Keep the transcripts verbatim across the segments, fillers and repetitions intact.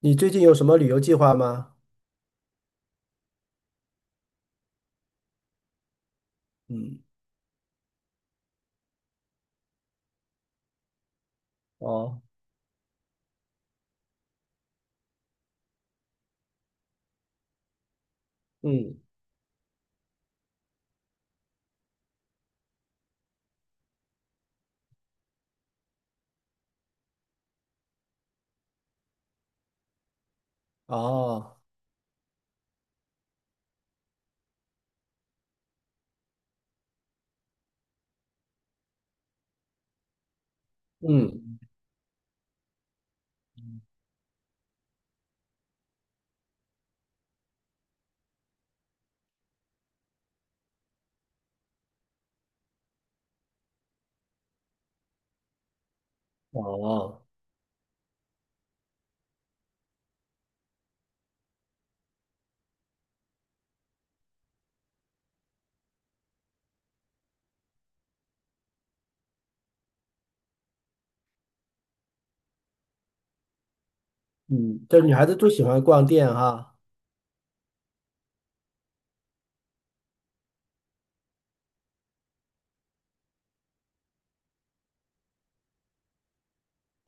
你最近有什么旅游计划吗？嗯，哦，嗯，哦，嗯，嗯哦，嗯哦嗯哦嗯这女孩子都喜欢逛店哈。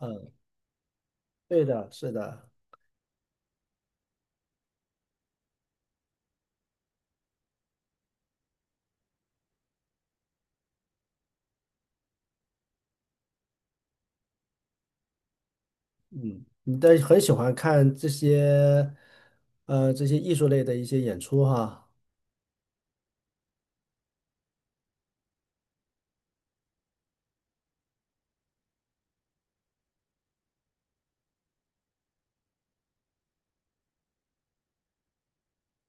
嗯对的，是的。嗯，你但是很喜欢看这些，呃，这些艺术类的一些演出哈。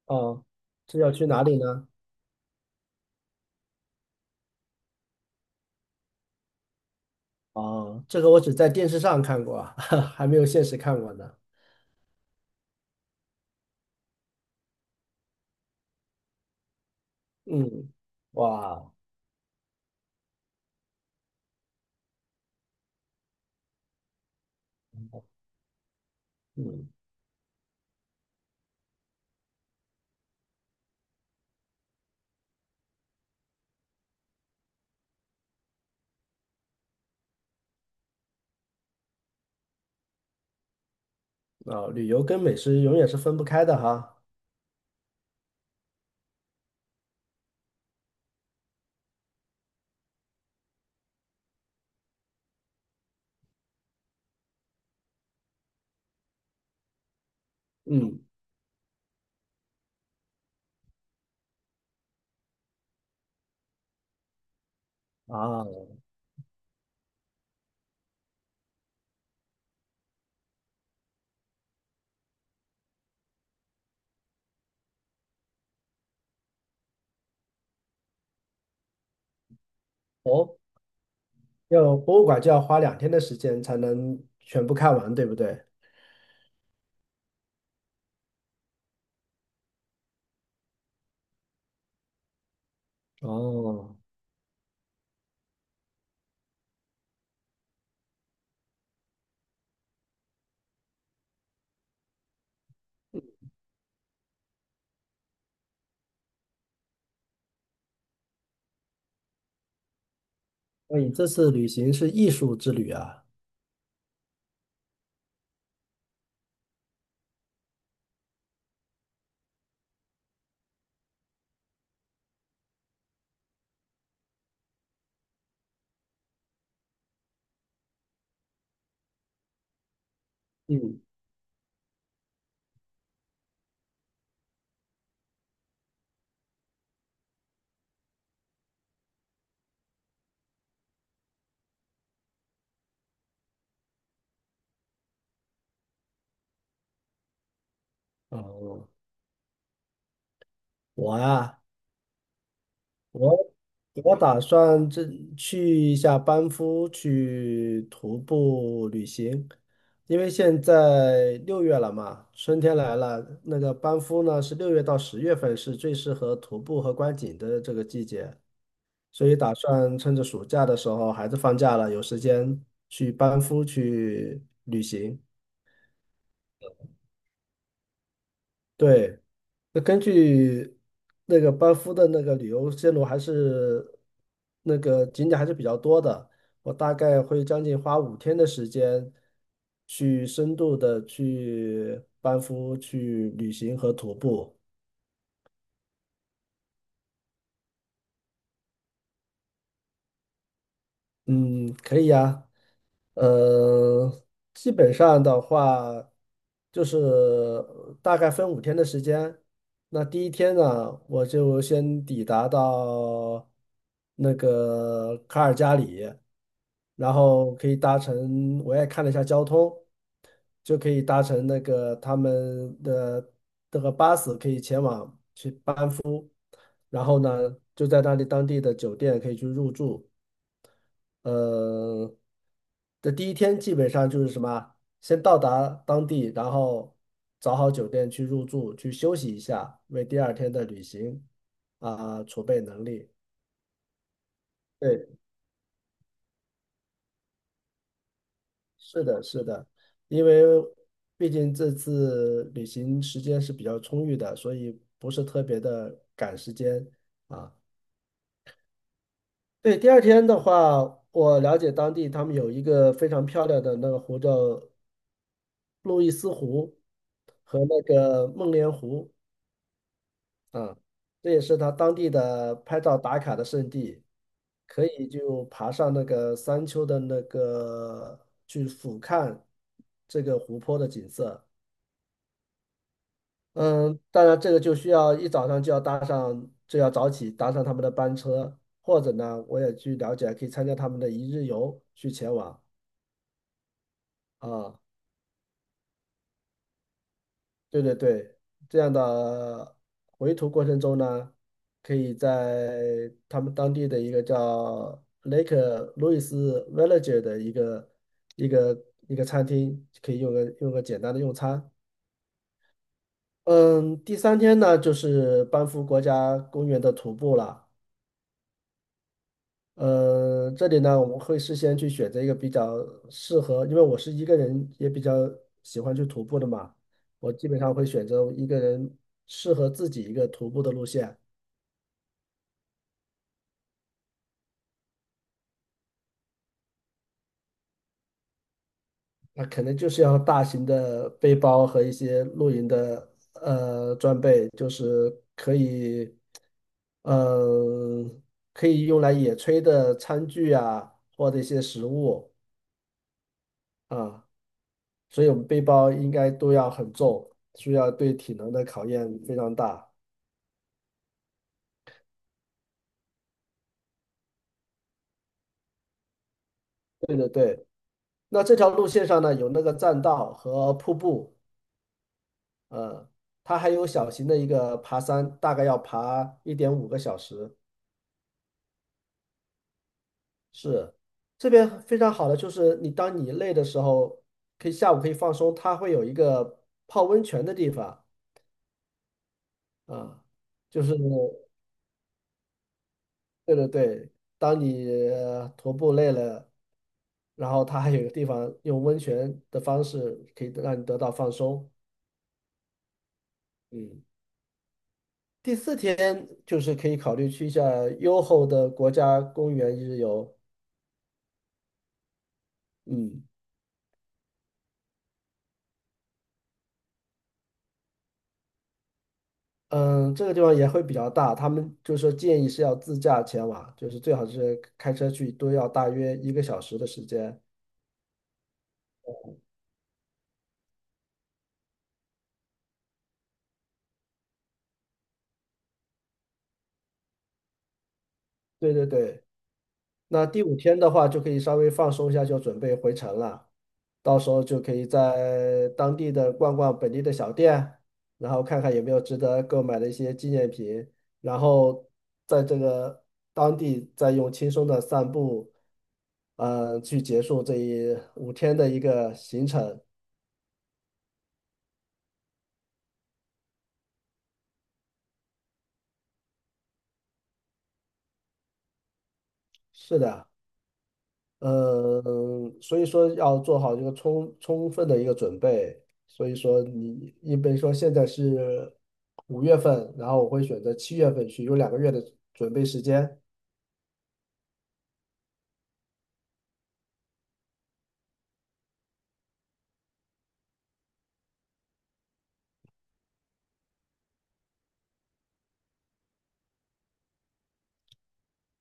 哦，这要去哪里呢？哦，这个我只在电视上看过，还没有现实看过呢。嗯，哇，嗯，啊，旅游跟美食永远是分不开的哈。嗯，啊，哦。要博物馆就要花两天的时间才能全部看完，对不对？哦，那你这次旅行是艺术之旅啊。嗯，哦，我啊，我我打算这去一下班夫去徒步旅行，因为现在六月了嘛，春天来了，那个班夫呢是六月到十月份是最适合徒步和观景的这个季节。所以打算趁着暑假的时候，孩子放假了，有时间去班夫去旅行。对，那根据那个班夫的那个旅游线路，还是那个景点还是比较多的。我大概会将近花五天的时间，去深度的去班夫去旅行和徒步。嗯，可以呀。呃，基本上的话，就是呃大概分五天的时间。那第一天呢，我就先抵达到那个卡尔加里，然后可以搭乘，我也看了一下交通，就可以搭乘那个他们的这个巴士，可以前往。然后呢，就在那里当地的酒店可以去入住。呃，的第一天基本上就是什么，先到达当地，然后找好酒店去入住，去休息一下，为第二天的旅行啊，储备能力。对，是的，是的，因为毕竟这次旅行时间是比较充裕的，所以不是特别的赶时间啊。对，第二天的话，我了解当地他们有一个非常漂亮的那个湖叫路易斯湖和那个梦莲湖啊，这也是他当地的拍照打卡的圣地，可以就爬上那个山丘的那个去俯瞰这个湖泊的景色。嗯，当然这个就需要一早上就要搭上，就要早起搭上他们的班车，或者呢，我也去了解，可以参加他们的一日游去前往啊。对对对，这样的回途过程中呢，可以在他们当地的一个叫 Lake l o u i s Village 的一个一个一个餐厅，可以用个用个简单的用餐。嗯，第三天呢，就是班夫国家公园的徒步了。呃，这里呢，我们会事先去选择一个比较适合，因为我是一个人，也比较喜欢去徒步的嘛。我基本上会选择一个人适合自己一个徒步的路线。那可能就是要大型的背包和一些露营的呃装备，就是可以，嗯、可以用来野炊的餐具啊，或者一些食物啊。所以我们背包应该都要很重，需要对体能的考验非常大。对对对，那这条路线上呢，有那个栈道和瀑布，呃，它还有小型的一个爬山，大概要爬一点五个小时。是，这边非常好的就是你当你累的时候，可以下午可以放松，它会有一个泡温泉的地方啊，就是。对对对，当你呃徒步累了，然后它还有一个地方用温泉的方式可以让你得到放松。嗯，第四天就是可以考虑去一下优厚的国家公园一日游。嗯嗯，这个地方也会比较大，他们就是说建议是要自驾前往，就是最好是开车去，都要大约一个小时的时间。对对对。那第五天的话，就可以稍微放松一下，就准备回程了。到时候就可以在当地的逛逛本地的小店，然后看看有没有值得购买的一些纪念品，然后在这个当地再用轻松的散步，嗯、去结束这一五天的一个行程。是的。呃，所以说要做好这个充充分的一个准备。所以说你，因为说现在是五月份，然后我会选择七月份去，有两个月的准备时间。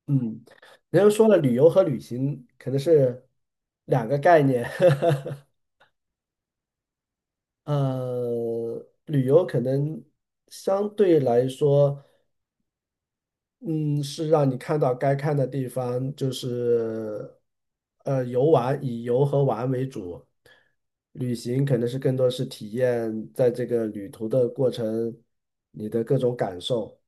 嗯，人家说了，旅游和旅行可能是两个概念。呃，旅游可能相对来说。嗯，是让你看到该看的地方，就是呃游玩，以游和玩为主。旅行可能是更多是体验在这个旅途的过程，你的各种感受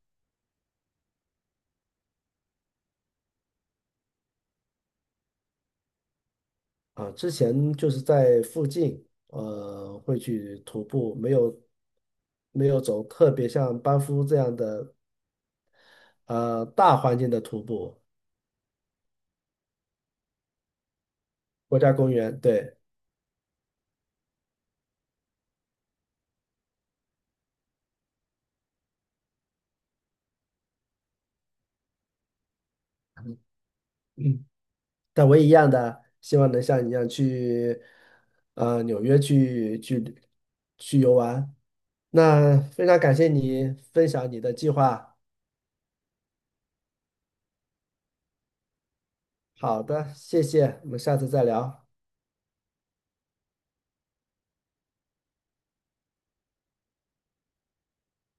啊。之前就是在附近，呃，会去徒步，没有没有走特别像班夫这样的呃大环境的徒步，国家公园，对。嗯。但我也一样的，希望能像你一样去，呃，纽约去去去游玩。那非常感谢你分享你的计划。好的，谢谢，我们下次再聊。